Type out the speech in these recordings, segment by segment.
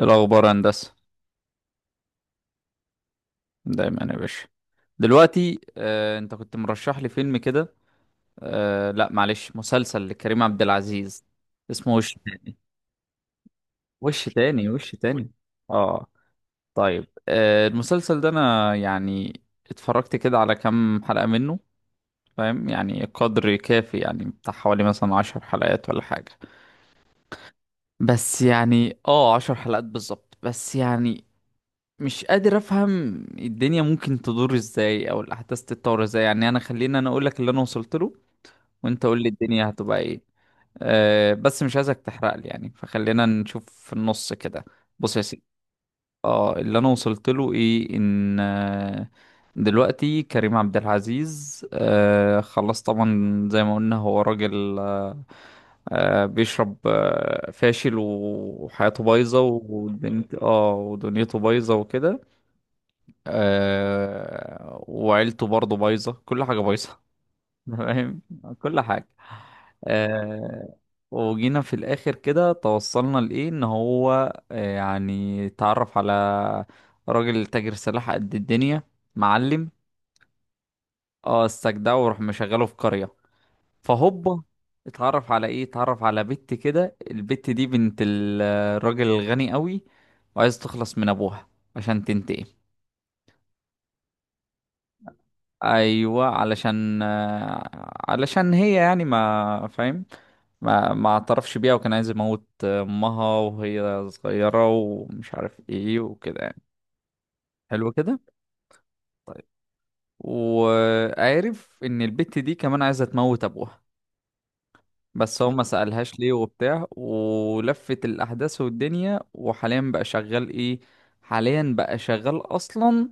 الأخبار هندسة. دايما يا باشا. دلوقتي أنت كنت مرشح لي فيلم كده. لا معلش، مسلسل لكريم عبد العزيز، اسمه وش تاني. وش تاني، وش تاني. اه. طيب، المسلسل ده أنا يعني اتفرجت كده على كام حلقة منه، فاهم، يعني قدر كافي، يعني بتاع حوالي مثلا عشر حلقات ولا حاجة. بس يعني عشر حلقات بالظبط، بس يعني مش قادر افهم الدنيا ممكن تدور ازاي او الاحداث تتطور ازاي. يعني خلينا انا اقول لك اللي انا وصلت له وانت قول لي الدنيا هتبقى ايه. بس مش عايزك تحرق لي يعني، فخلينا نشوف في النص كده. بص يا سيدي، اه اللي انا وصلت له ايه، ان دلوقتي كريم عبد العزيز خلاص، طبعا زي ما قلنا، هو راجل، بيشرب، فاشل، وحياته بايظه ودنيته بايظه وكده. وعيلته برضه بايظة، كل حاجة بايظة. فاهم، كل حاجة. آه وجينا في الآخر كده، توصلنا لإيه، إن هو يعني اتعرف على راجل تاجر سلاح قد الدنيا، معلم. اه، استجدعه وراح مشغله في قرية. فهوبا، اتعرف على ايه؟ اتعرف على بنت كده، البت دي بنت الراجل الغني قوي، وعايز تخلص من ابوها عشان تنتقم. ايوه، علشان علشان هي، يعني ما فاهم، ما اعترفش بيها، وكان عايز يموت امها وهي صغيرة ومش عارف ايه وكده يعني. حلو كده. وعارف ان البت دي كمان عايزة تموت ابوها، بس هو ما سألهاش ليه وبتاع، ولفت الأحداث والدنيا. وحاليا بقى شغال إيه؟ حاليا بقى شغال أصلا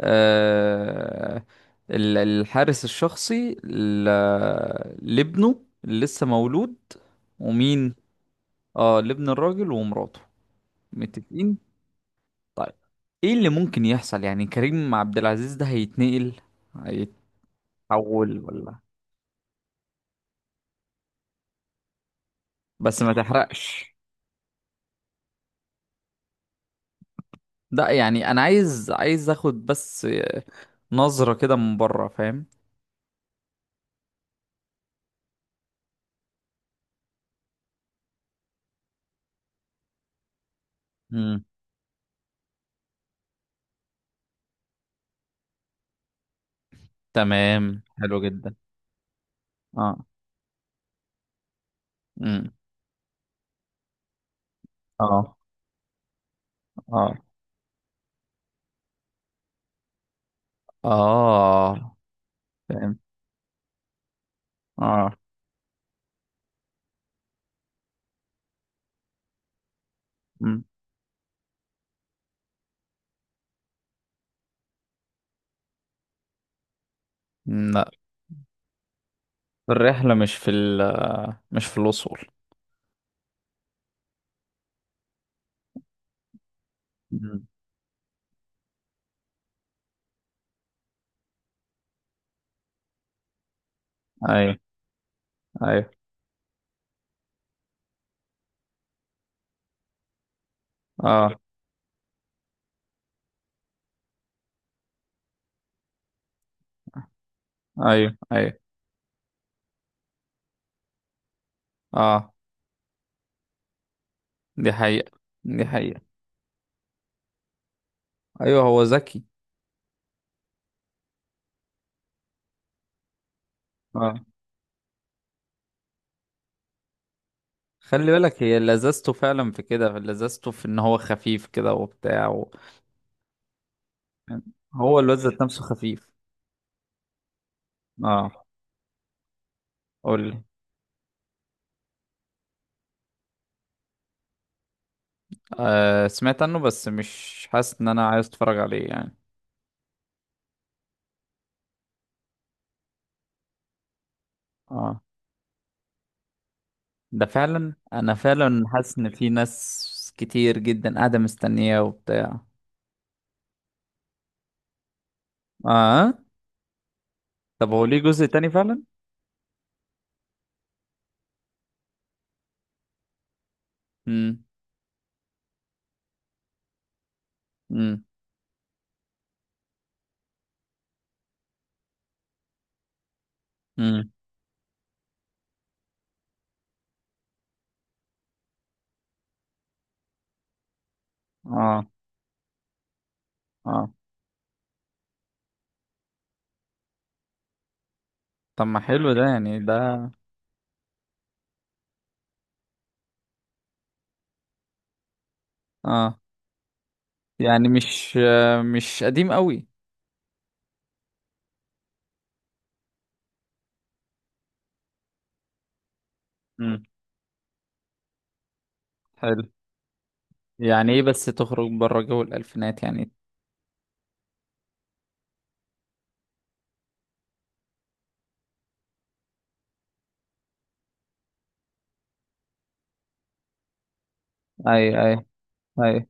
آه الحارس الشخصي لابنه اللي لسه مولود. ومين؟ اه، لابن الراجل ومراته. متفقين. طيب، ايه اللي ممكن يحصل؟ يعني كريم عبد العزيز ده هيتنقل، هيتحول ولا؟ بس ما تحرقش. لا يعني انا عايز، اخد بس نظرة كده من بره، فاهم؟ امم. تمام، حلو جدا. اه. امم. اه، اه، اه، فاهم. اه. امم. لا، الرحلة مش في الوصول. أمم. ايوه، ايوه. اه. ايوه، ايوه. اه. دي حقيقة، دي حقيقة. ايوه، هو ذكي. اه، خلي بالك، هي لذذته فعلا في كده، لذذته في ان هو خفيف كده وبتاع. هو الواد ذات نفسه خفيف. اه، قول لي. آه، سمعت عنه، بس مش حاسس ان انا عايز اتفرج عليه يعني. اه، ده فعلا، انا فعلا حاسس ان في ناس كتير جدا قاعدة مستنية وبتاع. اه، طب هو ليه جزء تاني فعلا؟ امم. امم. امم. اه. اه. طب ما حلو ده، يعني ده. اه، يعني مش قديم قوي. امم. حلو. يعني ايه بس تخرج بره جو الالفينات يعني؟ اي، اي. اي.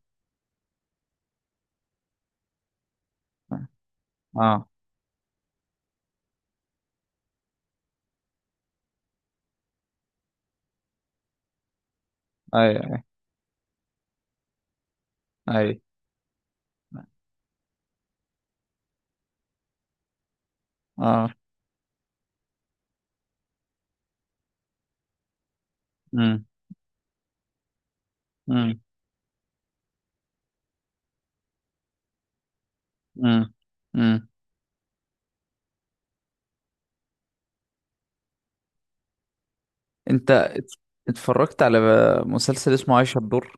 اه. اي، اي. اي. اه. امم. امم. امم. انت اتفرجت على مسلسل اسمه عايشة الدور؟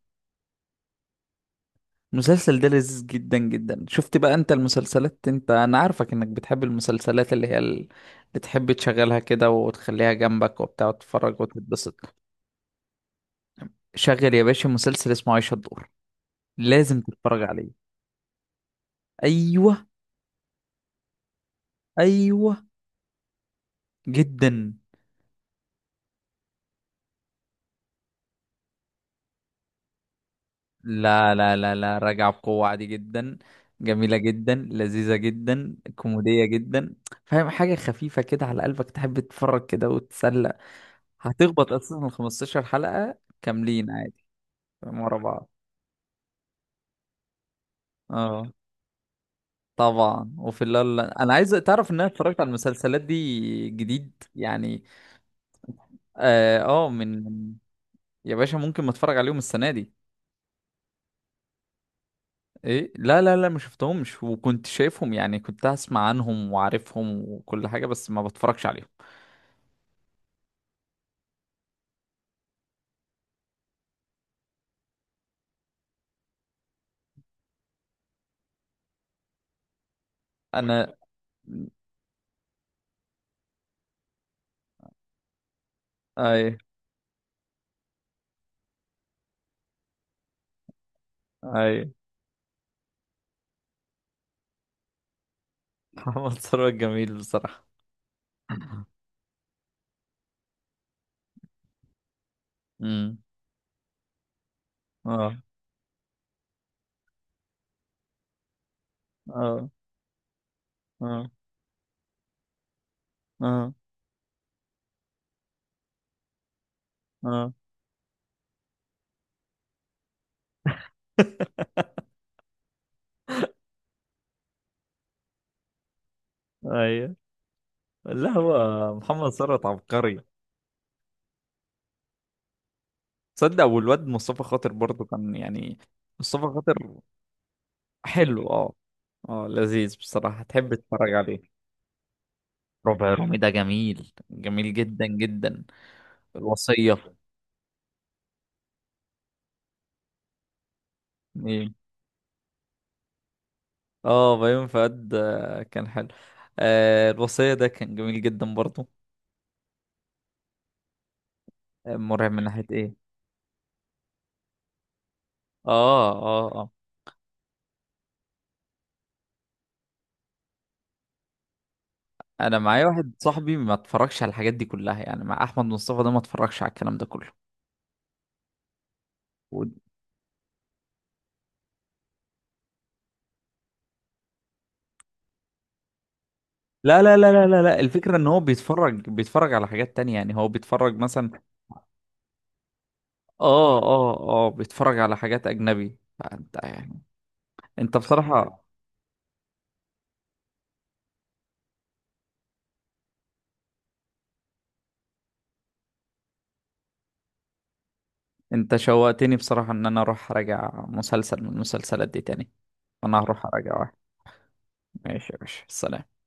المسلسل ده لذيذ جدا جدا. شفت بقى انت المسلسلات، انت، انا عارفك انك بتحب المسلسلات اللي هي اللي تحب تشغلها كده وتخليها جنبك وبتاع وتتفرج وتتبسط. شغل يا باشا، مسلسل اسمه عايشة الدور، لازم تتفرج عليه. ايوه، ايوه. جدا. لا، لا، لا، لا، راجعة بقوة عادي جدا. جميلة جدا، لذيذة جدا، كوميدية جدا، فاهم، حاجة خفيفة كده على قلبك، تحب تتفرج كده وتتسلى. هتخبط أساسا 15 حلقة كاملين عادي، فاهم، ورا بعض. اه، طبعا. وفي الليل انا عايز تعرف ان انا اتفرجت على المسلسلات دي جديد يعني. اه، آه، من يا باشا ممكن ما اتفرج عليهم السنة دي. ايه، لا، لا، لا، ما شفتهمش، وكنت شايفهم يعني، كنت اسمع عنهم وعارفهم وكل حاجة، بس ما بتفرجش عليهم. انا. اي، اي. محمد ثروت جميل بصراحة. امم. اه، اه، اه. اه، اه. ايوه. لا، هو محمد ثروت عبقري. تصدق، والواد مصطفى خاطر برضه كان، يعني، مصطفى خاطر حلو. اه، اه، لذيذ بصراحة، تحب تتفرج عليه. ربع رومي ده جميل، جميل جدا جدا. الوصية. ايه. اه، بيومي فؤاد كان حلو. الوصية ده كان جميل جدا برضه. مرعب من ناحية ايه؟ اه، اه، اه. انا معايا واحد صاحبي ما اتفرجش على الحاجات دي كلها يعني، مع احمد مصطفى ده ما اتفرجش على الكلام ده كله و... لا، لا، لا، لا، لا، لا، الفكرة ان هو بيتفرج، بيتفرج على حاجات تانية يعني، هو بيتفرج مثلا. اه، اه، اه، بيتفرج على حاجات اجنبي، فانت يعني. انت بصراحة، انت شوقتني بصراحة ان انا اروح اراجع مسلسل من المسلسلات دي تاني. انا هروح اراجع واحد. ماشي يا باشا، سلام.